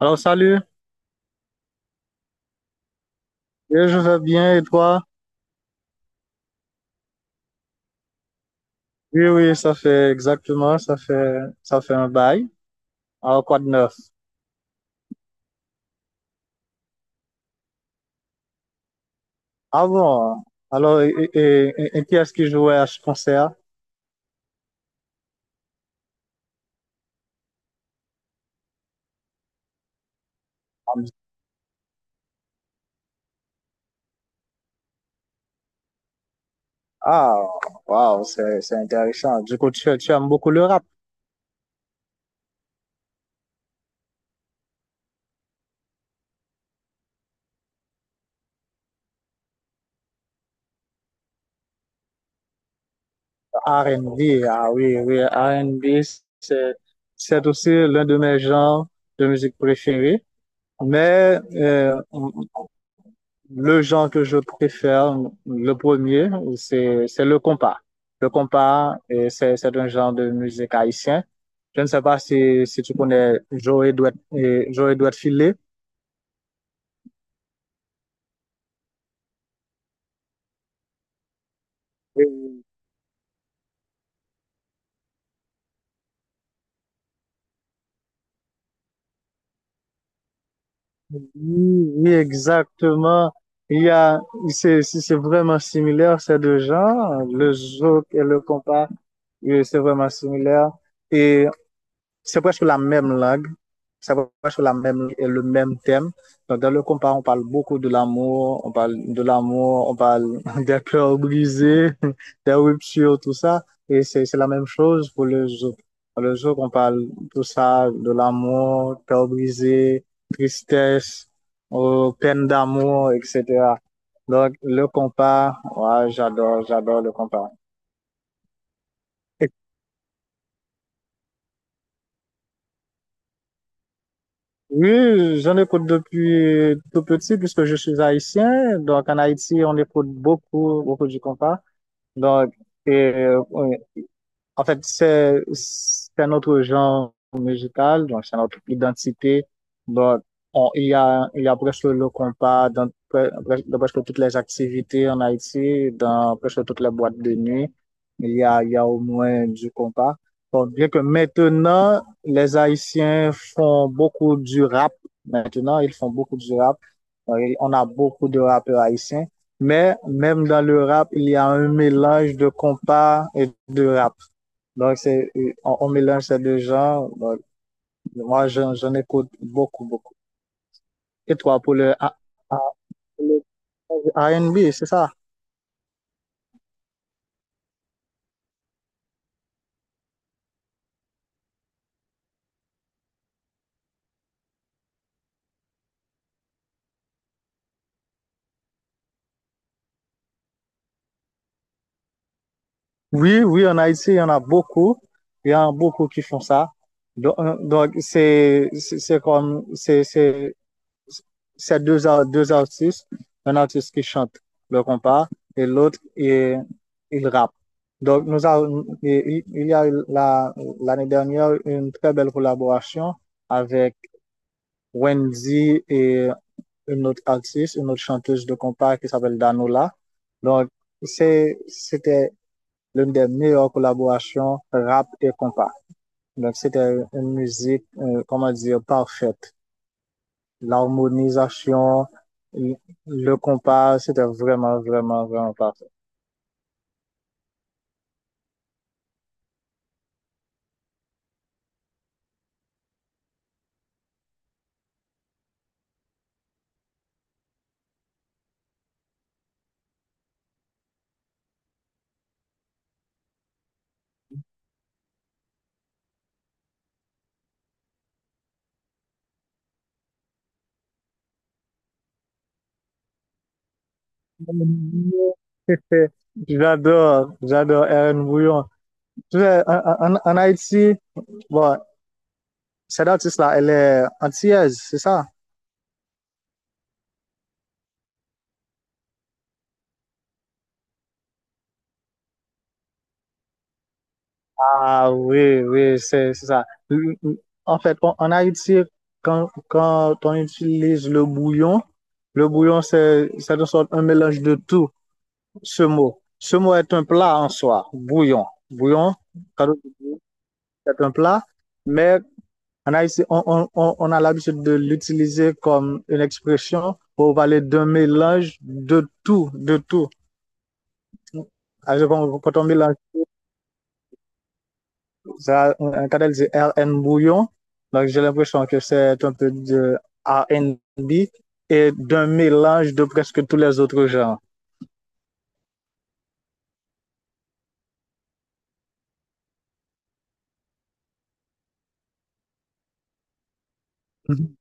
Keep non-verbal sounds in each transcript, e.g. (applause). Alors, salut. Oui, je vais bien, et toi? Oui, oui, ça fait exactement, ça fait un bail. Alors, quoi de neuf? Ah bon? Alors, et qui est-ce qui jouait à ce concert? Ah, waouh, c'est intéressant. Du coup, tu aimes beaucoup le rap. R&B. Ah oui, oui, R&B, c'est, c'est aussi l'un de mes genres de musique préférés. Mais euh, Le genre que je préfère, le premier, c'est le compas. Le compas, et c'est un genre de musique haïtien. Je ne sais pas si tu connais Joey Douet et Joey Douet Filé. Et oui, oui, exactement. Il y a c'est vraiment similaire, ces deux genres, le zouk et le compas. Oui, c'est vraiment similaire. Et c'est presque la même langue, c'est presque la même, le même thème. Donc, dans le compas, on parle beaucoup de l'amour, on parle de l'amour, on parle (laughs) des cœurs brisés, (laughs) des ruptures, tout ça. Et c'est la même chose pour le zouk. Dans le zouk, on parle tout ça, de l'amour, cœur brisé, tristesse, peine d'amour, etc. Donc, le compas, ouais, j'adore, j'adore le compas. Et oui, j'en écoute depuis tout petit puisque je suis haïtien. Donc, en Haïti, on écoute beaucoup, beaucoup du compas. Donc, et, oui. En fait, c'est un autre genre musical, donc c'est notre identité. Donc, il y a presque le compas dans, pre- presque dans presque toutes les activités en Haïti, dans presque toutes les boîtes de nuit. Il y a au moins du compas. Bon, bien que maintenant, les Haïtiens font beaucoup du rap. Maintenant, ils font beaucoup du rap. Donc, on a beaucoup de rappeurs haïtiens. Mais même dans le rap, il y a un mélange de compas et de rap. Donc, c'est, on mélange ces deux genres. Donc, moi, j'en écoute beaucoup, beaucoup. Et toi, pour le, A- le R and b, c'est ça? Oui, oui, en Haïti, il y en a beaucoup. Il y en a beaucoup qui font ça. Donc, donc, c'est comme, c'est deux, deux artistes. Un artiste qui chante le compas et l'autre, il rappe. Donc, il y a eu l'année dernière une très belle collaboration avec Wendy et une autre artiste, une autre chanteuse de compas qui s'appelle Danola. Donc, c'était l'une des meilleures collaborations rap et compas. Donc, c'était une musique, comment dire, parfaite. L'harmonisation, le compas, c'était vraiment, vraiment, vraiment parfait. (laughs) J'adore, j'adore Erin Bouillon. Tu sais, en Haïti, bon, cette artiste-là, elle est antillaise, c'est ça? Ah oui, oui, c'est ça. En fait, en Haïti, quand on utilise le bouillon, c'est de sorte un mélange de tout, ce mot. Ce mot est un plat en soi, bouillon. Bouillon, quand on dit bouillon, c'est un plat, mais en Haïti, on a l'habitude de l'utiliser comme une expression pour parler d'un mélange de tout, de tout. Ah, je comprends. Quand on mélange ça, un canal de R N Bouillon. Donc, j'ai l'impression que c'est un peu de R and B et d'un mélange de presque tous les autres genres. Mhm.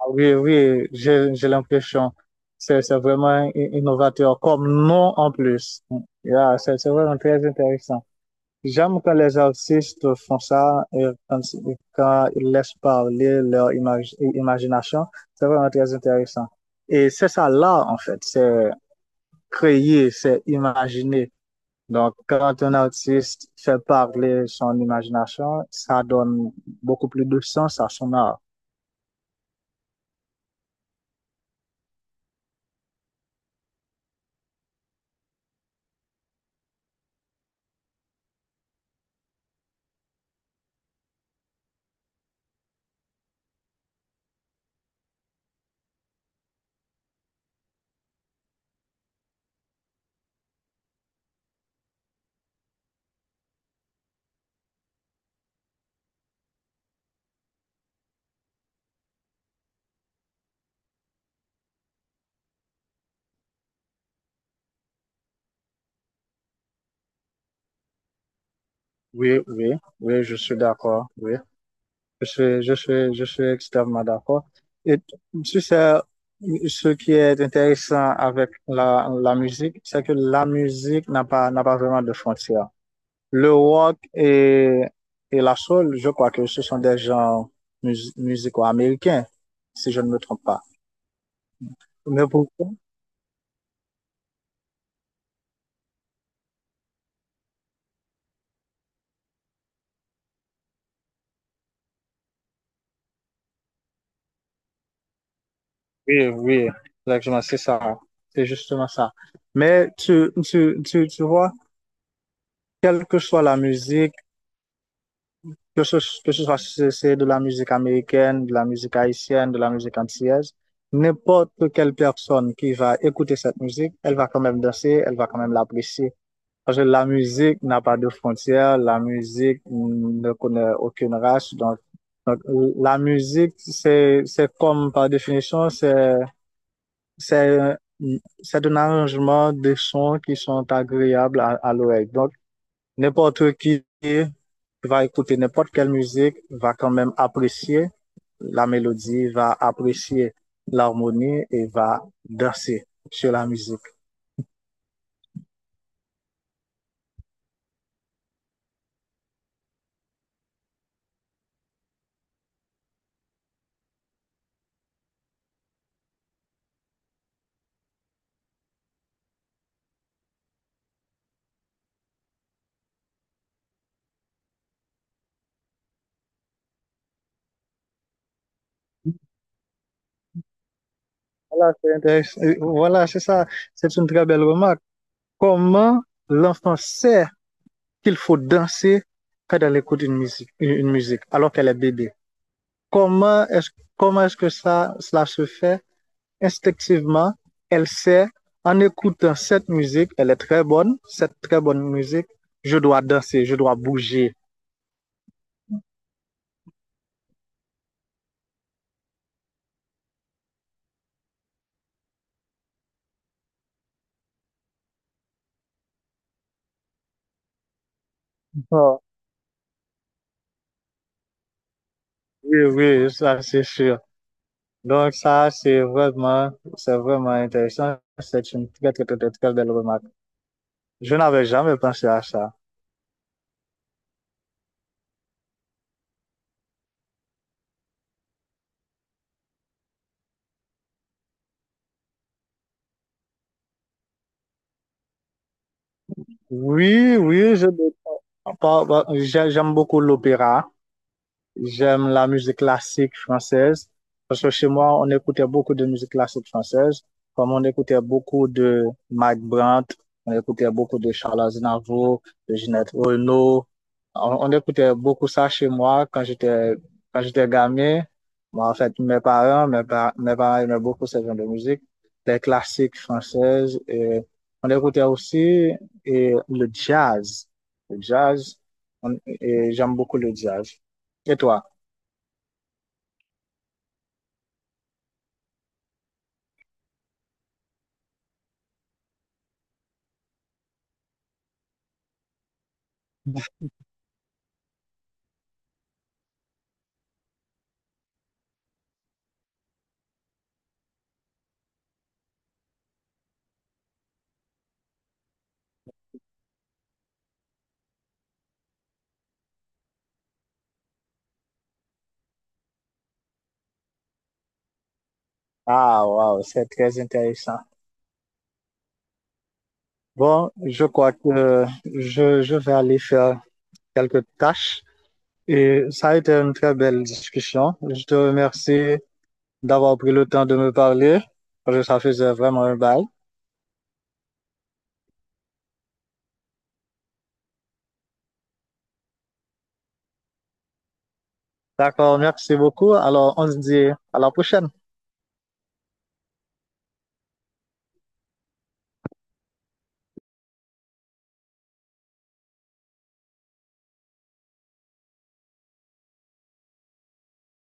Ah oui, oui, j'ai l'impression. C'est vraiment innovateur comme nom en plus. Yeah, c'est vraiment très intéressant. J'aime quand les artistes font ça et quand, quand ils laissent parler leur imagination. C'est vraiment très intéressant. Et c'est ça là en fait. C'est, créer, c'est imaginer. Donc, quand un artiste fait parler son imagination, ça donne beaucoup plus de sens à son art. Oui, oui, oui, je suis d'accord. Oui, je suis extrêmement d'accord. Et tu sais, ce qui est intéressant avec la musique, c'est que la musique n'a pas vraiment de frontières. Le rock et la soul, je crois que ce sont des genres musicaux américains, si je ne me trompe pas. Mais pourquoi? Oui, oui, exactement, c'est ça. C'est justement ça. Mais tu vois, quelle que soit la musique, que ce, que ce soit, si c'est de la musique américaine, de la musique haïtienne, de la musique antillaise, n'importe quelle personne qui va écouter cette musique, elle va quand même danser, elle va quand même l'apprécier. Parce que la musique n'a pas de frontières, la musique ne connaît aucune race. Donc, la musique, c'est comme par définition, c'est un- c'est un arrangement de sons qui sont agréables à l'oreille. Donc, n'importe qui va écouter n'importe quelle musique, va quand même apprécier la mélodie, va apprécier l'harmonie et va danser sur la musique. Voilà, c'est intéressant. Voilà, c'est ça. C'est une très belle remarque. Comment l'enfant sait qu'il faut danser quand elle écoute une musique, une musique, alors qu'elle est bébé? Comment est-ce, comment est-ce que ça, cela se fait? Instinctivement, elle sait, en écoutant cette musique, elle est très bonne, cette très bonne musique, je dois danser, je dois bouger. Oh, oui, oui, ça c'est sûr. Donc ça, c'est vraiment intéressant. C'est une très, très, très, très, très belle remarque. Je n'avais jamais pensé à ça. Oui, oui, j'aime beaucoup l'opéra. J'aime la musique classique française parce que chez moi, on écoutait beaucoup de musique classique française, comme on écoutait beaucoup de Mike Brandt, on écoutait beaucoup de Charles Aznavour, de Ginette Renaud. On écoutait beaucoup ça chez moi quand j'étais gamin. Moi, en fait, mes parents aimaient beaucoup ce genre de musique, les classiques françaises. Et on écoutait aussi et le jazz. Le jazz, et j'aime beaucoup le jazz. Et toi? Ah, waouh, c'est très intéressant. Bon, je crois que je vais aller faire quelques tâches et ça a été une très belle discussion. Je te remercie d'avoir pris le temps de me parler parce que ça faisait vraiment un bail. D'accord, merci beaucoup. Alors, on se dit à la prochaine.